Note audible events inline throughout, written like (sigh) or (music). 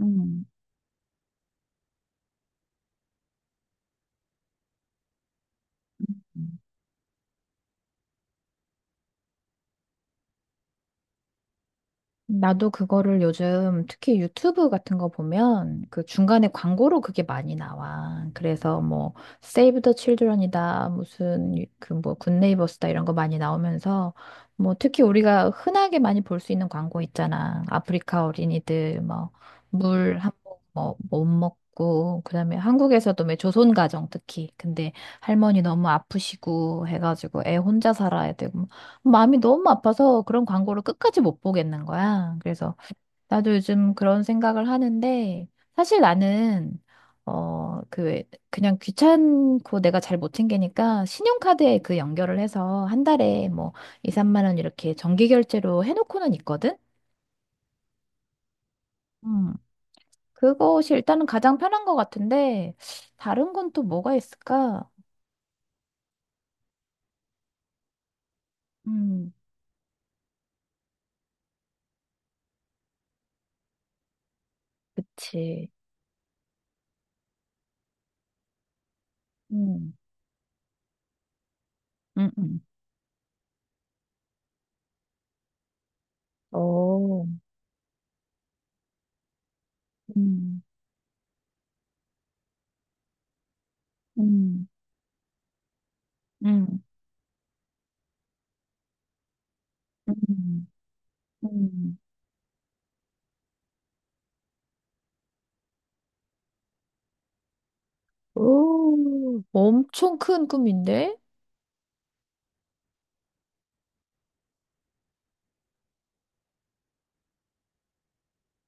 음. 나도 그거를 요즘 특히 유튜브 같은 거 보면 그 중간에 광고로 그게 많이 나와. 그래서 뭐 Save the Children이다, 무슨 그뭐 굿네이버스다 이런 거 많이 나오면서 뭐 특히 우리가 흔하게 많이 볼 수 있는 광고 있잖아. 아프리카 어린이들 뭐물한번뭐못 먹고 그다음에 한국에서도 왜 조선 가정 특히 근데 할머니 너무 아프시고 해가지고 애 혼자 살아야 되고 마음이 너무 아파서 그런 광고를 끝까지 못 보겠는 거야. 그래서 나도 요즘 그런 생각을 하는데 사실 나는 그냥 귀찮고 내가 잘 못 챙기니까 신용카드에 그 연결을 해서 한 달에 뭐 2, 3만 원 이렇게 정기 결제로 해놓고는 있거든. 음. 그것이 일단은 가장 편한 것 같은데 다른 건 또 뭐가 있을까? 음. 그치. 음. 음. 음. 어, 음. 음. 음. 음, 음, 오, 엄청 큰 꿈인데?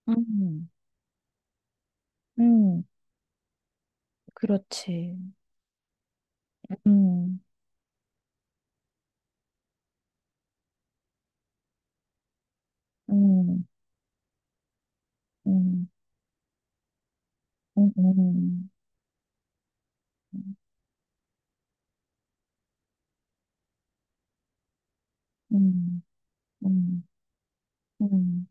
음, 음, 그렇지. 음, 음, 음, 음, 음, 음, 음, 음,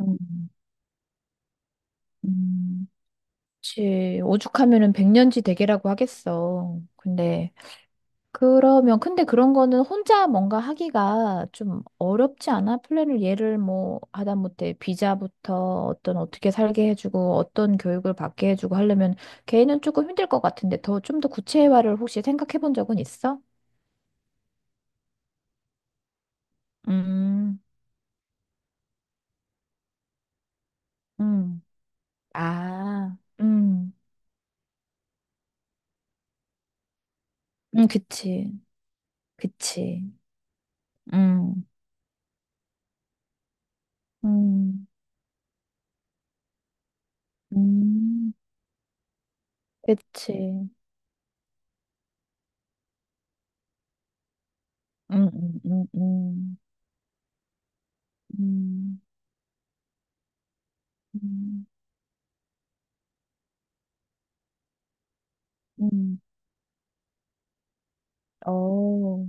음, 음. 그치. 오죽하면은 백년지 대계라고 하겠어. 근데 그러면 근데 그런 거는 혼자 뭔가 하기가 좀 어렵지 않아? 플랜을 얘를 뭐 하다못해 비자부터 어떤 어떻게 살게 해주고 어떤 교육을 받게 해주고 하려면 걔는 조금 힘들 것 같은데 더 좀 더 구체화를 혹시 생각해 본 적은 있어? 음, 음, 아, 그치, 그치, 음, 음, 음, 그치, 음, 음, 음, 음, 음, 음, 음. 어.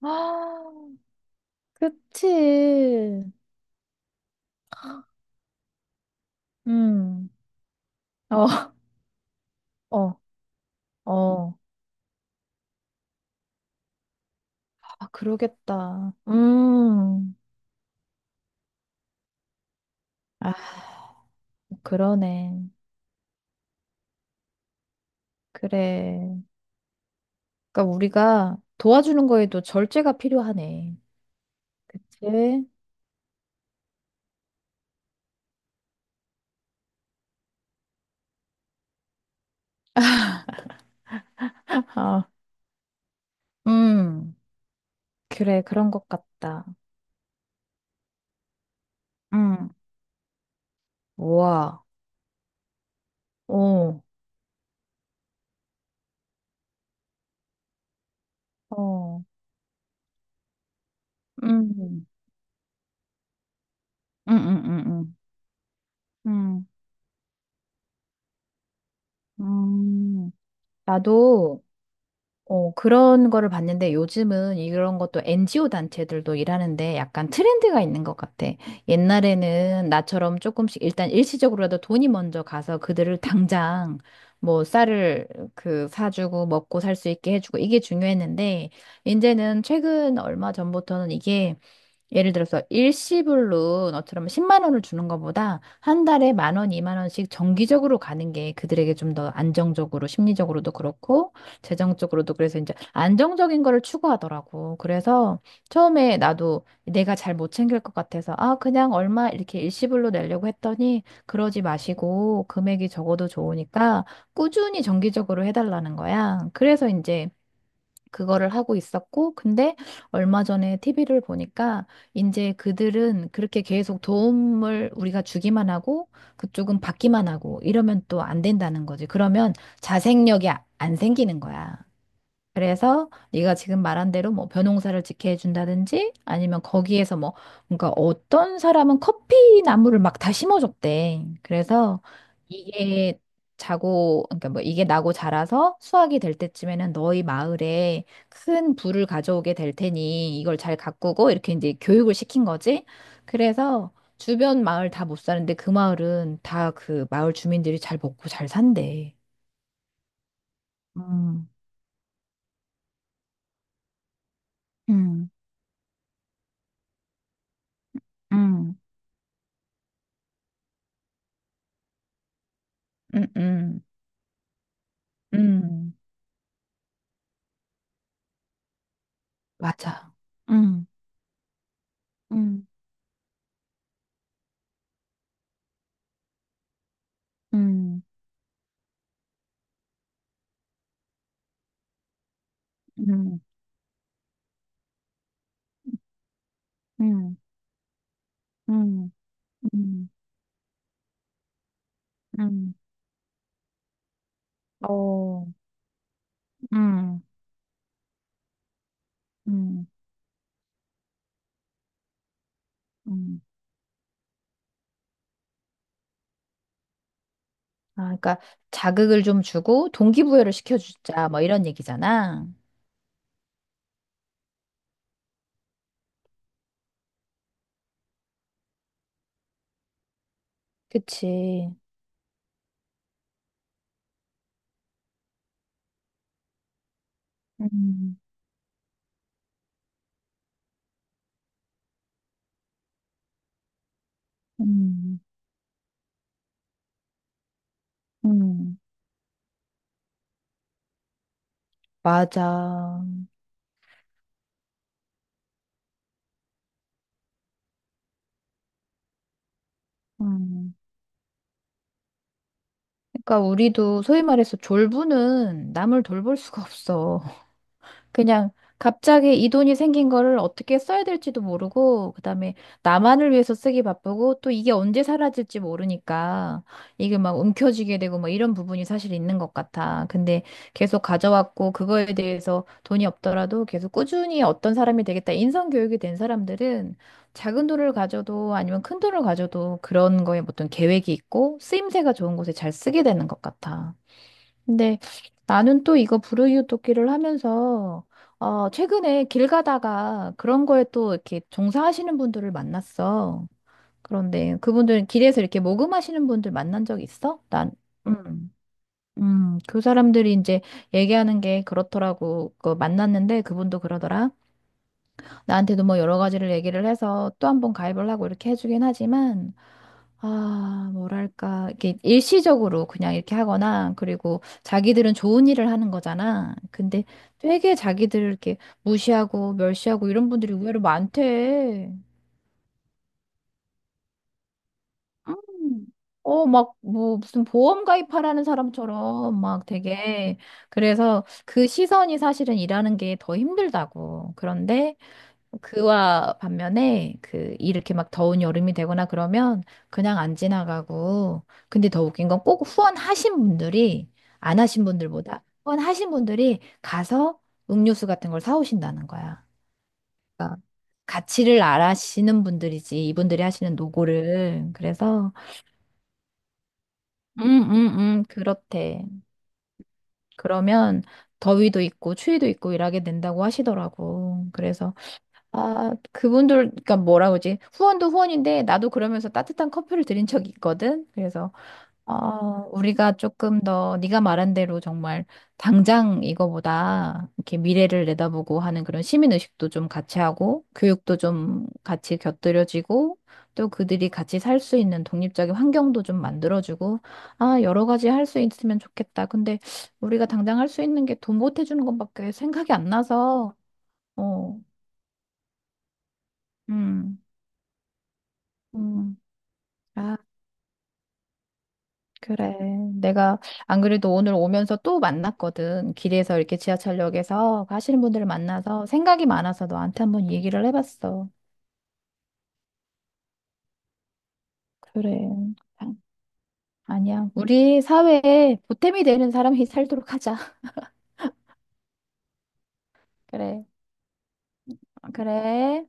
아, 그치. 음. 어. (laughs) 어, 어. 아, 그러겠다. 음. 아, 그러네. 그래. 그러니까 우리가 도와주는 거에도 절제가 필요하네. 그치? 아, 음. 그래, 그런 것 같다. 음. 우와. 어, 어. 음. 음, 음, 음, 음. 음. 음. 나도 그런 거를 봤는데 요즘은 이런 것도 NGO 단체들도 일하는데 약간 트렌드가 있는 것 같아. 옛날에는 나처럼 조금씩 일단 일시적으로라도 돈이 먼저 가서 그들을 당장 뭐 쌀을 그 사주고 먹고 살 수 있게 해주고 이게 중요했는데 이제는 최근 얼마 전부터는 이게 예를 들어서 일시불로 너처럼 10만 원을 주는 것보다 한 달에 만 원, 2만 원씩 정기적으로 가는 게 그들에게 좀 더 안정적으로 심리적으로도 그렇고 재정적으로도 그래서 이제 안정적인 거를 추구하더라고. 그래서 처음에 나도 내가 잘 못 챙길 것 같아서 아, 그냥 얼마 이렇게 일시불로 내려고 했더니 그러지 마시고 금액이 적어도 좋으니까 꾸준히 정기적으로 해달라는 거야. 그래서 이제 그거를 하고 있었고, 근데 얼마 전에 TV를 보니까 이제 그들은 그렇게 계속 도움을 우리가 주기만 하고 그쪽은 받기만 하고 이러면 또 안 된다는 거지. 그러면 자생력이 안 생기는 거야. 그래서 네가 지금 말한 대로 뭐 벼농사를 짓게 해준다든지 아니면 거기에서 뭐 그러니까 어떤 사람은 커피 나무를 막 다 심어줬대. 그래서 이게 자고 그러니까 뭐 이게 나고 자라서 수확이 될 때쯤에는 너희 마을에 큰 부를 가져오게 될 테니 이걸 잘 가꾸고 이렇게 이제 교육을 시킨 거지. 그래서 주변 마을 다 못 사는데 그 마을은 다 그 마을 주민들이 잘 먹고 잘 산대. 음, 음, 음. 음, 음. 음, 맞아. 음, 음, 음, 음, 음, 음, 음, 음, 어, 음, 음, 음. 아, 그러니까 자극을 좀 주고 동기부여를 시켜주자 뭐 이런 얘기잖아. 그치. 음, 음, 음, 맞아. 음. 그러니까 우리도 소위 말해서 졸부는 남을 돌볼 수가 없어. 그냥 갑자기 이 돈이 생긴 거를 어떻게 써야 될지도 모르고, 그다음에 나만을 위해서 쓰기 바쁘고, 또 이게 언제 사라질지 모르니까, 이게 막 움켜쥐게 되고, 뭐 이런 부분이 사실 있는 것 같아. 근데 계속 가져왔고, 그거에 대해서 돈이 없더라도 계속 꾸준히 어떤 사람이 되겠다. 인성교육이 된 사람들은 작은 돈을 가져도 아니면 큰 돈을 가져도 그런 거에 어떤 계획이 있고, 쓰임새가 좋은 곳에 잘 쓰게 되는 것 같아. 근데 나는 또 이거 불우이웃돕기를 하면서 최근에 길 가다가 그런 거에 또 이렇게 종사하시는 분들을 만났어. 그런데 그분들은 길에서 이렇게 모금하시는 분들 만난 적 있어? 난. 음. 그 사람들이 이제 얘기하는 게 그렇더라고. 그 만났는데 그분도 그러더라. 나한테도 뭐 여러 가지를 얘기를 해서 또 한 번 가입을 하고 이렇게 해주긴 하지만, 아, 뭐랄까, 이게 일시적으로 그냥 이렇게 하거나, 그리고 자기들은 좋은 일을 하는 거잖아. 근데 되게 자기들을 이렇게 무시하고 멸시하고 이런 분들이 의외로 많대. 음. 막, 뭐, 무슨 보험 가입하라는 사람처럼 막 되게. 그래서 그 시선이 사실은 일하는 게 더 힘들다고. 그런데 그와 반면에 그 이렇게 막 더운 여름이 되거나 그러면 그냥 안 지나가고 근데 더 웃긴 건 꼭 후원하신 분들이 안 하신 분들보다 후원하신 분들이 가서 음료수 같은 걸 사오신다는 거야. 그러니까 가치를 알아시는 분들이지 이분들이 하시는 노고를 그래서 그렇대. 그러면 더위도 있고 추위도 있고 일하게 된다고 하시더라고. 그래서 아, 그분들, 그러니까 뭐라 그러지? 후원도 후원인데, 나도 그러면서 따뜻한 커피를 드린 적이 있거든. 그래서, 우리가 조금 더, 네가 말한 대로 정말, 당장 이거보다, 이렇게 미래를 내다보고 하는 그런 시민의식도 좀 같이 하고, 교육도 좀 같이 곁들여지고, 또 그들이 같이 살 수 있는 독립적인 환경도 좀 만들어주고, 아, 여러 가지 할 수 있으면 좋겠다. 근데, 우리가 당장 할 수 있는 게 돈 보태주는 것밖에 생각이 안 나서, 어, 음. 음. 아, 그래. 내가 안 그래도 오늘 오면서 또 만났거든. 길에서 이렇게 지하철역에서 하시는 분들을 만나서 생각이 많아서 너한테 한번 얘기를 해봤어. 그래. 아, 아니야. 우리 사회에 보탬이 되는 사람이 살도록 하자. (laughs) 그래. 그래.